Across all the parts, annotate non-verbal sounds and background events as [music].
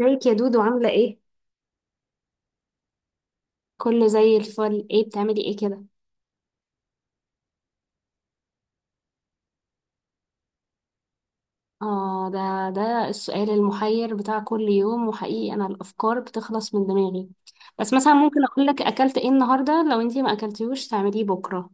ازيك يا دودو؟ عاملة ايه؟ كله زي الفل. ايه بتعملي ايه كده؟ اه ده ده السؤال المحير بتاع كل يوم، وحقيقي انا الافكار بتخلص من دماغي. بس مثلا ممكن اقول لك اكلت ايه النهاردة، لو انتي ما اكلتيهوش تعمليه بكرة.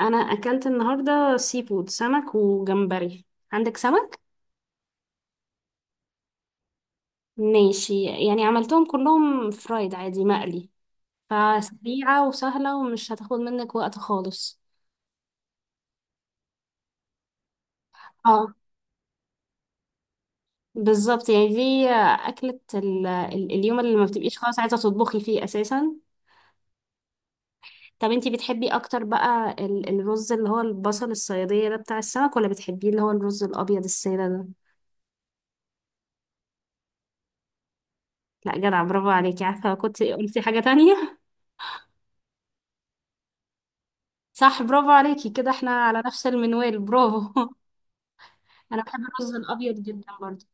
انا اكلت النهاردة سي فود، سمك وجمبري. عندك سمك؟ ماشي، يعني عملتهم كلهم فرايد، عادي مقلي، فسريعة وسهلة ومش هتاخد منك وقت خالص. اه بالظبط، يعني دي أكلة اليوم اللي ما بتبقيش خلاص عايزة تطبخي فيه أساسا. طب انتي بتحبي أكتر بقى الرز اللي هو البصل الصيادية ده بتاع السمك، ولا بتحبيه اللي هو الرز الأبيض السادة ده؟ لا جدع، برافو عليكي، عارفة كنت قلتي حاجة تانية. [laughs] صح، برافو عليكي، كده احنا على نفس المنوال، برافو. [laughs] أنا بحب الرز الأبيض جدا برضه،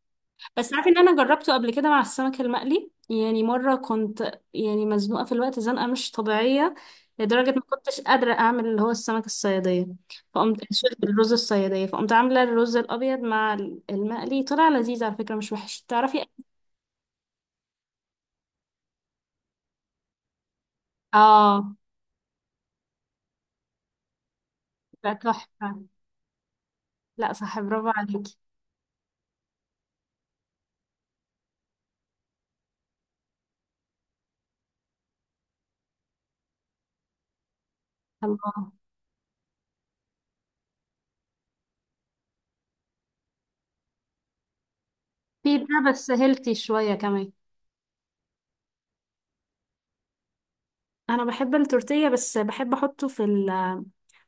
بس عارفه ان انا جربته قبل كده مع السمك المقلي. يعني مره كنت، يعني مزنوقه في الوقت زنقه مش طبيعيه، لدرجه ما كنتش قادره اعمل اللي هو السمك الصياديه. فقمت الرز الصياديه، فقمت عامله الرز الابيض مع المقلي. طلع لذيذ على فكره، مش وحش، تعرفي. اه لا تحفه. لا صح، برافو عليكي. الله. بيتزا بس هيلثي شويه كمان. انا بحب التورتيه بس بحب احطه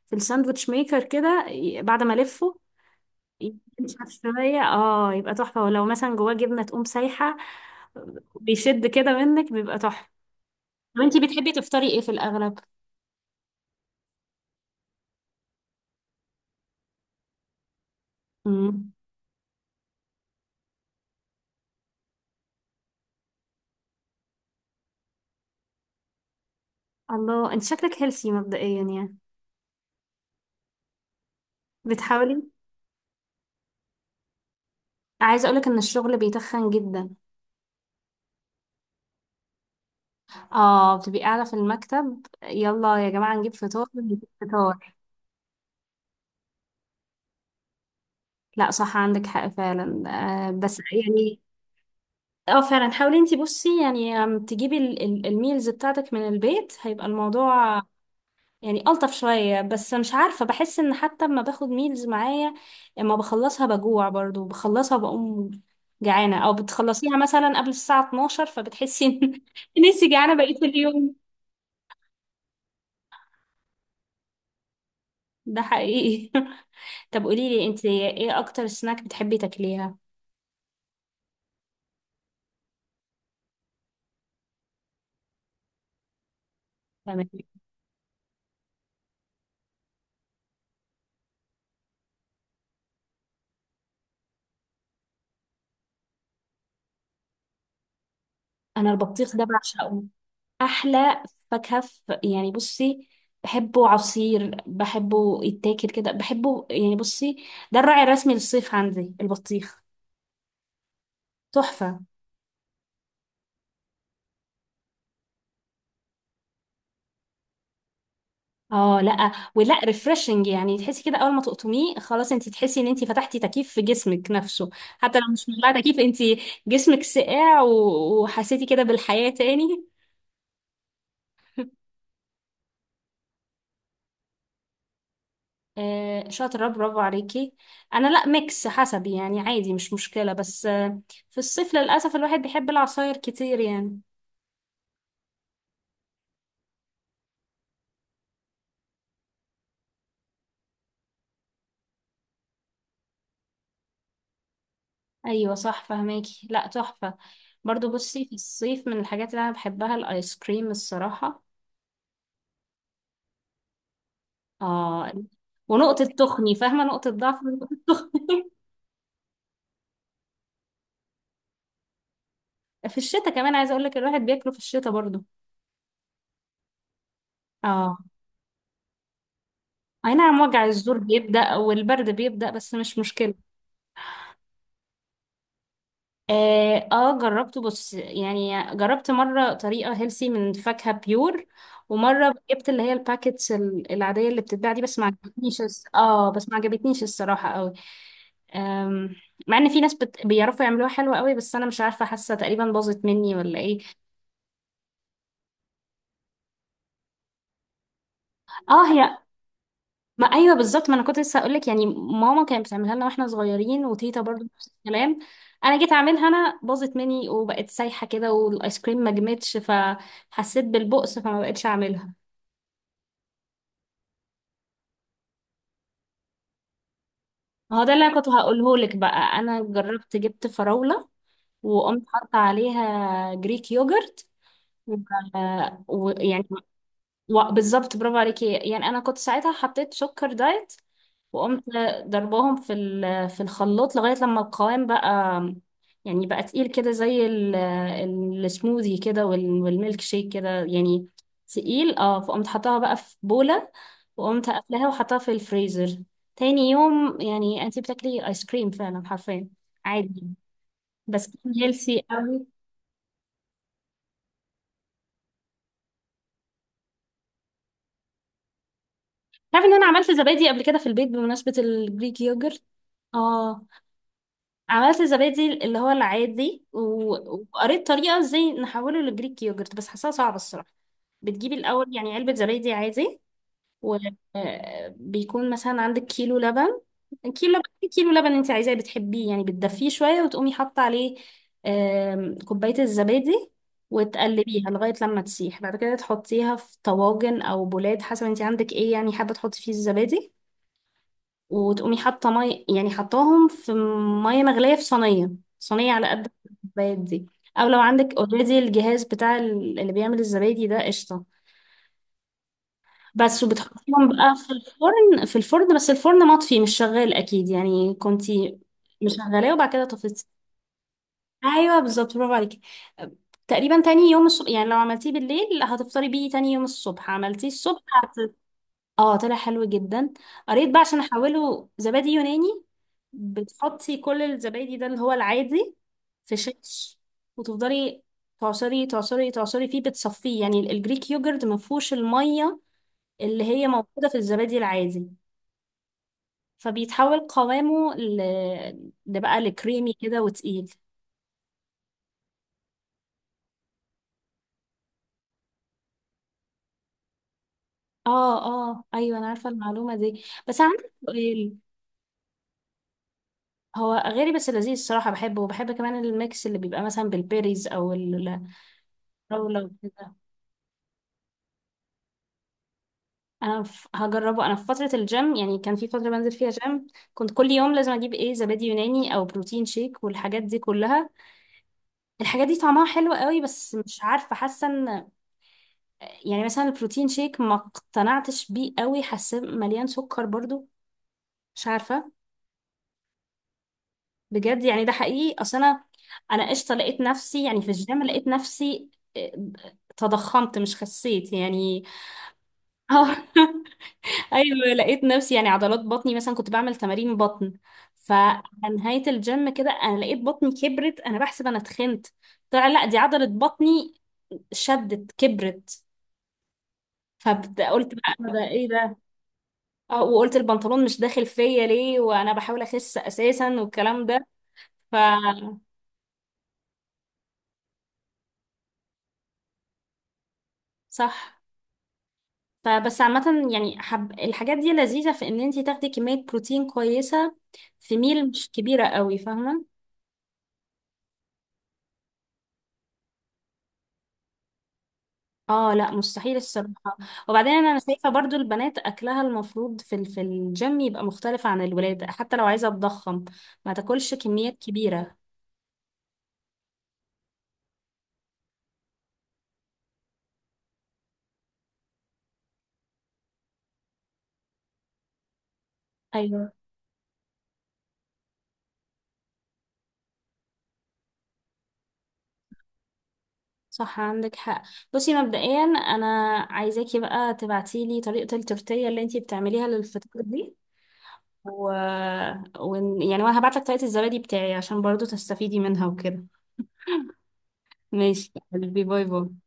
في الساندوتش ميكر كده، بعد ما الفه يبقى شفاية، اه يبقى تحفة، ولو مثلا جواه جبنة تقوم سايحة، بيشد كده منك، بيبقى تحفة. طب انتي بتحبي تفطري ايه في الأغلب؟ مم. الله، انت شكلك هيلثي مبدئيا يعني. بتحاولي. عايزة اقولك ان الشغل بيتخن جدا. اه، بتبقي قاعدة في المكتب، يلا يا جماعة نجيب فطار نجيب فطار. لا صح، عندك حق فعلا. آه بس يعني. اه فعلا حاولي، انتي بصي يعني، تجيبي الميلز بتاعتك من البيت، هيبقى الموضوع يعني ألطف شوية. بس مش عارفة بحس إن حتى لما باخد ميلز معايا، اما بخلصها بجوع برضو، بخلصها بقوم جعانة، أو بتخلصيها مثلا قبل الساعة 12، فبتحسي إن [laughs] إن انتي جعانة بقية اليوم. ده حقيقي. [laughs] طب قوليلي، انتي ايه أكتر سناك بتحبي تاكليها؟ تمام. أنا البطيخ ده بعشقه. أحلى فاكهة يعني بصي، بحبه عصير، بحبه يتاكل كده، بحبه، يعني بصي، ده الراعي الرسمي للصيف عندي، البطيخ. تحفة. اه لا ولا، ريفرشنج يعني، تحسي كده اول ما تقطميه خلاص، انت تحسي ان انت فتحتي تكييف في جسمك نفسه، حتى لو مش مولعه تكييف، انت جسمك ساقع، وحسيتي كده بالحياه تاني. آه شاطره، برافو عليكي. انا لا، ميكس حسب يعني، عادي مش مشكله، بس آه، في الصيف للاسف الواحد بيحب العصاير كتير يعني. ايوه صح، فهماكي. لا تحفه. برضو بصي، في الصيف من الحاجات اللي انا بحبها الايس كريم، الصراحه. اه. ونقطة تخني، فاهمة؟ نقطة ضعف ونقطة تخني. [laughs] في الشتاء كمان عايزة اقول لك الواحد بياكله في الشتاء برضو. اه. اي نعم، وجع الزور بيبدأ والبرد بيبدأ، بس مش مشكلة. جربته، بص يعني، جربت مرة طريقة هيلسي من فاكهة بيور، ومرة جبت اللي هي الباكتس العادية اللي بتتباع دي، بس ما عجبتنيش الس- اه بس ما عجبتنيش الصراحة قوي. آم، مع ان في ناس بيعرفوا يعملوها حلوة قوي، بس انا مش عارفة، حاسة تقريبا باظت مني ولا ايه. اه هي. ما ايوه، بالظبط، ما انا كنت لسه هقول لك، يعني ماما كانت بتعملها لنا واحنا صغيرين، وتيتا برضو نفس الكلام. انا جيت اعملها انا، باظت مني وبقت سايحه كده، والايس كريم ما جمدش، فحسيت بالبؤس، فما بقتش اعملها. ما هو ده اللي انا كنت هقوله لك بقى، انا جربت، جبت فراوله، وقمت حاطه عليها جريك يوجرت، و- ويعني بالظبط، برافو عليكي، يعني انا كنت ساعتها حطيت سكر دايت، وقمت ضرباهم في الخلاط لغاية لما القوام بقى، يعني بقى تقيل كده زي السموذي كده والميلك شيك كده يعني. تقيل اه، فقمت حطاها بقى في بولة، وقمت قافلاها وحطاها في الفريزر. تاني يوم يعني انتي بتاكلي ايس كريم فعلا، حرفيا عادي، بس كان هيلثي قوي. تعرفي ان انا عملت زبادي قبل كده في البيت، بمناسبة الجريك يوجرت. اه، عملت الزبادي اللي هو العادي، وقريت طريقة ازاي نحوله لجريك يوجرت، بس حاساها صعبة الصراحة. بتجيبي الأول يعني علبة زبادي عادي، وبيكون مثلا عندك كيلو لبن. كيلو لبن، إيه كيلو لبن، انت عايزاه بتحبيه يعني، بتدفيه شوية وتقومي حاطة عليه كوباية الزبادي، وتقلبيها لغاية لما تسيح. بعد كده تحطيها في طواجن أو بولات حسب انت عندك ايه، يعني حابة تحطي فيه الزبادي. وتقومي حاطه ميه، يعني حطاهم في ميه مغليه في صينيه، صينيه على قد الكوبايات دي. او لو عندك اوريدي الجهاز بتاع اللي بيعمل الزبادي ده، قشطه. بس وبتحطيهم بقى في الفرن، في الفرن بس الفرن مطفي مش شغال، اكيد يعني كنتي مشغلاه وبعد كده طفيتي. ايوه بالظبط، برافو عليكي. تقريبا تاني يوم الصبح، يعني لو عملتيه بالليل هتفطري بيه تاني يوم الصبح، عملتيه الصبح. اه طلع حلو جدا. قريت بقى عشان احوله زبادي يوناني، بتحطي كل الزبادي ده اللي هو العادي في شيش، وتفضلي تعصري تعصري تعصري فيه، بتصفيه يعني الجريك يوجرت ما فيهوش الميه اللي هي موجوده في الزبادي العادي. فبيتحول قوامه ده بقى لكريمي كده وتقيل. اه اه ايوه انا عارفه المعلومه دي، بس أنا عندي سؤال. هو غالي بس لذيذ الصراحه، بحبه، وبحب كمان الميكس اللي بيبقى مثلا بالبيريز او الفراوله وكده. انا هجربه. انا في فتره الجيم، يعني كان في فتره بنزل فيها جيم، كنت كل يوم لازم اجيب ايه، زبادي يوناني او بروتين شيك والحاجات دي كلها. الحاجات دي طعمها حلو قوي، بس مش عارفه حاسه ان، يعني مثلا البروتين شيك ما اقتنعتش بيه قوي، حاسه مليان سكر برضو، مش عارفه. بجد يعني، ده حقيقي. اصل انا انا قشطه لقيت نفسي، يعني في الجيم لقيت نفسي آه، تضخمت مش خسيت يعني. [laughs] اه. ايوه لقيت نفسي، يعني عضلات بطني مثلا كنت بعمل تمارين بطن، فعلى نهايه الجيم كده انا لقيت بطني كبرت، انا بحسب انا اتخنت، طلع لا دي عضله بطني شدت كبرت. فقلت بقى انا ده ايه ده، اه، وقلت البنطلون مش داخل فيا ليه وانا بحاول اخس اساسا والكلام ده. ف صح. فبس عامة يعني، الحاجات دي لذيذة في ان انتي تاخدي كمية بروتين كويسة في ميل مش كبيرة قوي، فاهمة. اه لا مستحيل الصراحة. وبعدين انا شايفة برضو البنات اكلها المفروض في الجيم يبقى مختلف عن الولاد، حتى لو عايزة تضخم ما تاكلش كميات كبيرة. ايوه صح، عندك حق. بصي مبدئيا انا عايزاكي بقى تبعتيلي طريقة التورتية اللي انتي بتعمليها للفطار دي، و... و... يعني وانا هبعتلك طريقة الزبادي بتاعي عشان برضو تستفيدي منها وكده. ماشي يا قلبي، باي باي.